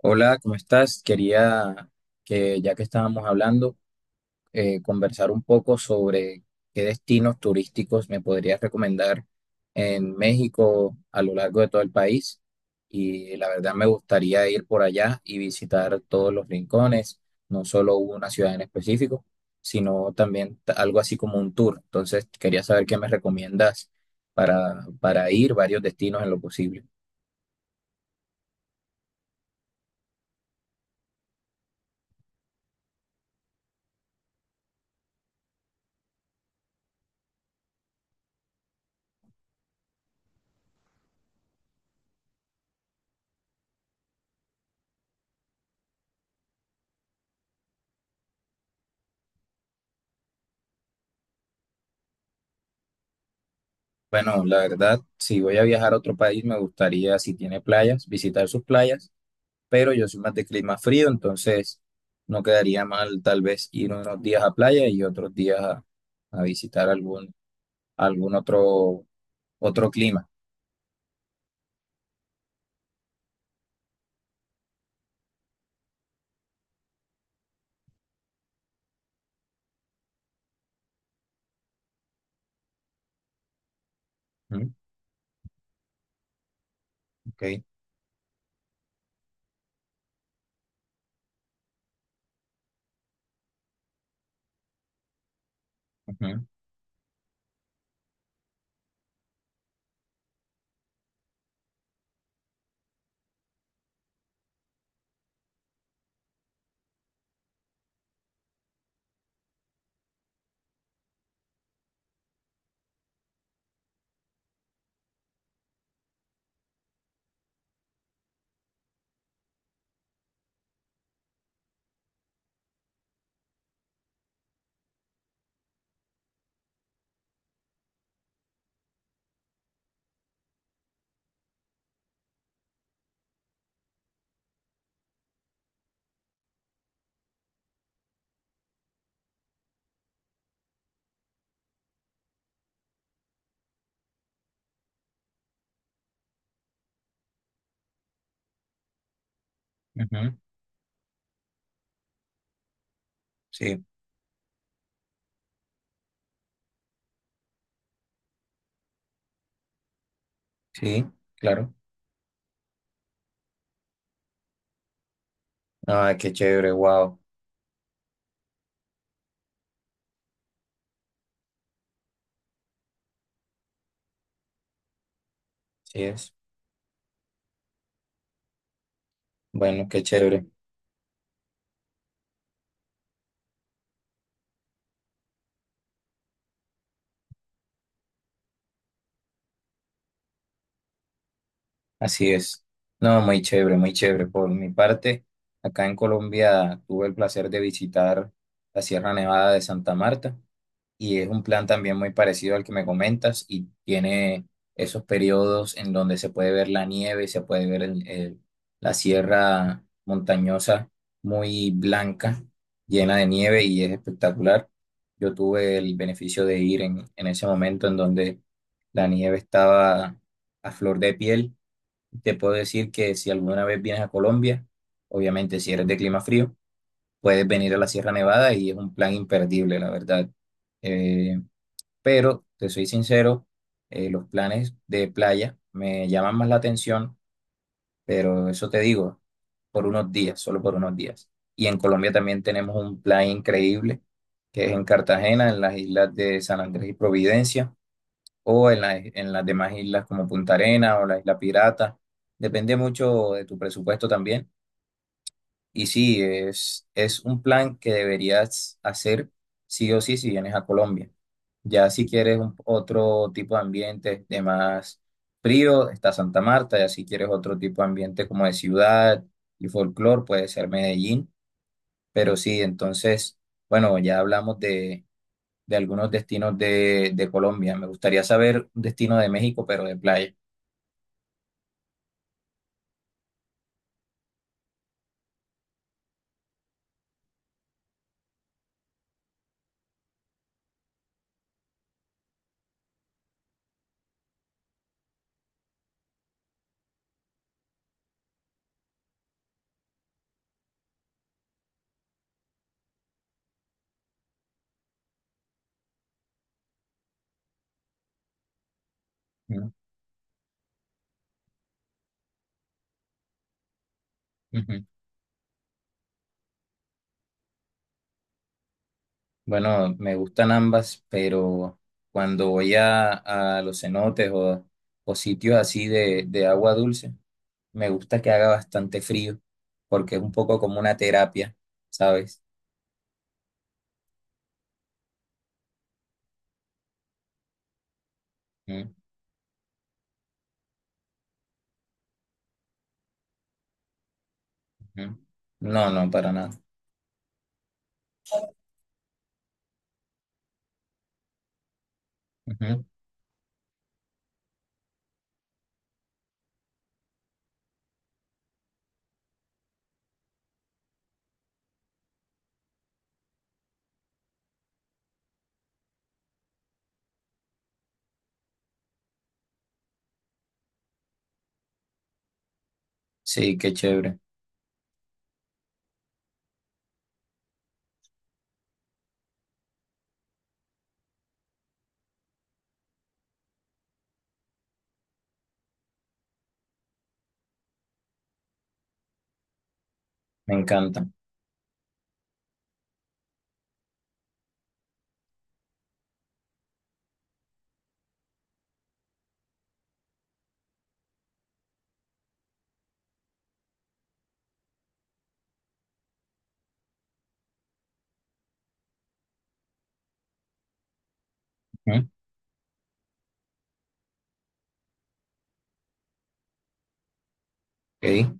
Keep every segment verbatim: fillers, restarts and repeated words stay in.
Hola, ¿cómo estás? Quería que ya que estábamos hablando, eh, conversar un poco sobre qué destinos turísticos me podrías recomendar en México a lo largo de todo el país. Y la verdad me gustaría ir por allá y visitar todos los rincones, no solo una ciudad en específico, sino también t- algo así como un tour. Entonces quería saber qué me recomiendas para, para ir varios destinos en lo posible. Bueno, la verdad, si voy a viajar a otro país, me gustaría, si tiene playas, visitar sus playas, pero yo soy más de clima frío, entonces no quedaría mal tal vez ir unos días a playa y otros días a, a visitar algún, algún otro, otro clima. ¿Mm? Ok, ujú, ujú, sí, sí, claro. Ah, qué chévere, wow. Sí es. Bueno, qué chévere. Así es. No, muy chévere, muy chévere. Por mi parte, acá en Colombia tuve el placer de visitar la Sierra Nevada de Santa Marta y es un plan también muy parecido al que me comentas y tiene esos periodos en donde se puede ver la nieve, se puede ver el- el- la sierra montañosa muy blanca, llena de nieve y es espectacular. Yo tuve el beneficio de ir en, en ese momento en donde la nieve estaba a flor de piel. Te puedo decir que si alguna vez vienes a Colombia, obviamente si eres de clima frío, puedes venir a la Sierra Nevada y es un plan imperdible, la verdad. Eh, pero, te soy sincero, eh, los planes de playa me llaman más la atención, pero eso te digo, por unos días, solo por unos días. Y en Colombia también tenemos un plan increíble, que es en Cartagena, en las islas de San Andrés y Providencia o en, la- en las demás islas como Punta Arena o la Isla Pirata. Depende mucho de tu presupuesto también. Y sí, es, es un plan que deberías hacer sí o sí si vienes a Colombia. Ya si quieres un- otro tipo de ambiente de más frío, está Santa Marta. Ya si quieres otro tipo de ambiente como de ciudad y folclor, puede ser Medellín. Pero sí, entonces, bueno, ya hablamos de, de algunos destinos de, de Colombia. Me gustaría saber un destino de México, pero de playa. ¿No? Ujú. Bueno, me gustan ambas, pero cuando voy a, a los cenotes o, o sitios así de, de agua dulce, me gusta que haga bastante frío, porque es un poco como una terapia, ¿sabes? Ujú. Ujú. No, no, para nada. Ujú. Sí, qué chévere, me encanta. Ujú. Ok.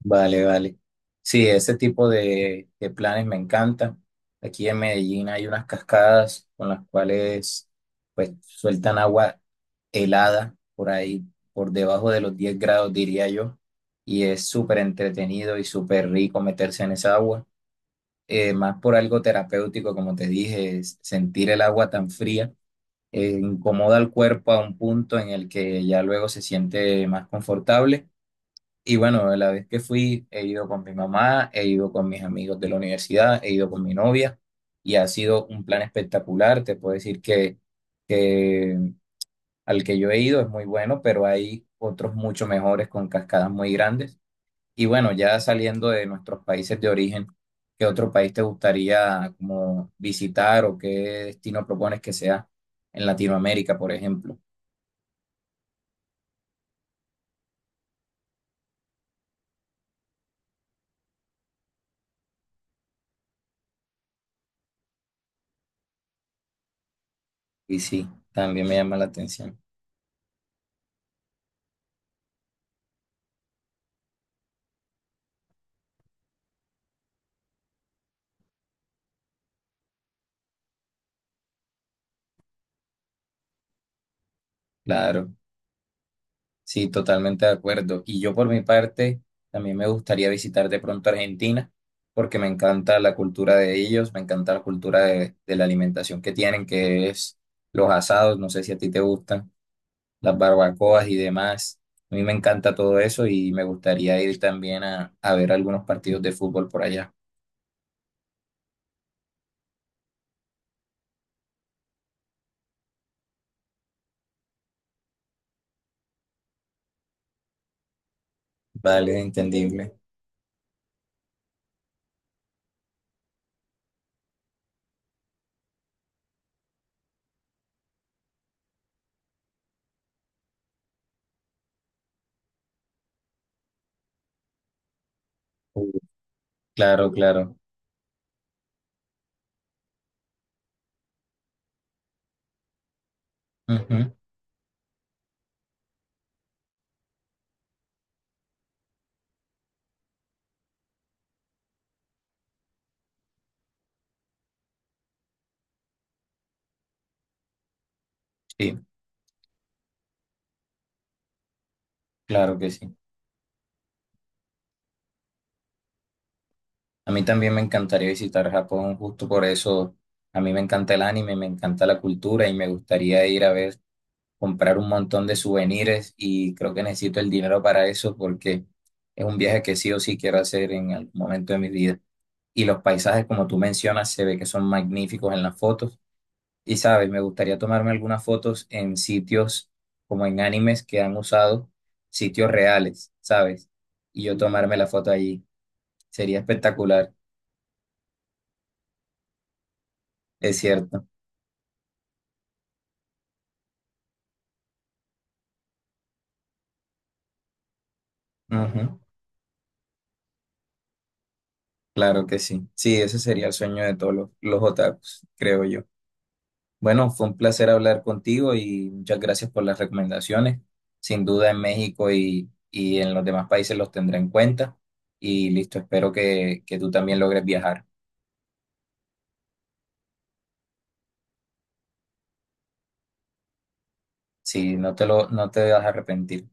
Vale, vale. Sí, ese tipo de, de planes me encantan. Aquí en Medellín hay unas cascadas con las cuales pues sueltan agua helada por ahí, por debajo de los diez grados, diría yo. Y es súper entretenido y súper rico meterse en esa agua. Eh, más por algo terapéutico, como te dije, es sentir el agua tan fría. Eh, incomoda al cuerpo a un punto en el que ya luego se siente más confortable y bueno, la vez que fui, he ido con mi mamá, he ido con mis amigos de la universidad, he ido con mi novia y ha sido un plan espectacular. Te puedo decir que, que al que yo he ido es muy bueno, pero hay otros mucho mejores con cascadas muy grandes. Y bueno, ya saliendo de nuestros países de origen, ¿qué otro país te gustaría como visitar o qué destino propones que sea en Latinoamérica, por ejemplo? Y sí, también me llama la atención. Claro. Sí, totalmente de acuerdo. Y yo por mi parte, también me gustaría visitar de pronto Argentina, porque me encanta la cultura de ellos, me encanta la cultura de, de la alimentación que tienen, que es los asados, no sé si a ti te gustan, las barbacoas y demás. A mí me encanta todo eso y me gustaría ir también a, a ver algunos partidos de fútbol por allá. Vale, entendible. Claro, claro. Ujú, sí, claro que sí. A mí también me encantaría visitar Japón, justo por eso a mí me encanta el anime, me encanta la cultura y me gustaría ir a ver, comprar un montón de souvenirs y creo que necesito el dinero para eso porque es un viaje que sí o sí quiero hacer en algún momento de mi vida. Y los paisajes, como tú mencionas, se ve que son magníficos en las fotos. Y sabes, me gustaría tomarme algunas fotos en sitios como en animes que han usado, sitios reales, ¿sabes? Y yo tomarme la foto allí. Sería espectacular, es cierto. Ujú, claro que sí. Sí, ese sería el sueño de todos los, los otakus, creo yo. Bueno, fue un placer hablar contigo y muchas gracias por las recomendaciones. Sin duda en México y, y en los demás países los tendré en cuenta. Y listo, espero que, que tú también logres viajar. Sí, no te lo, no te vas a arrepentir.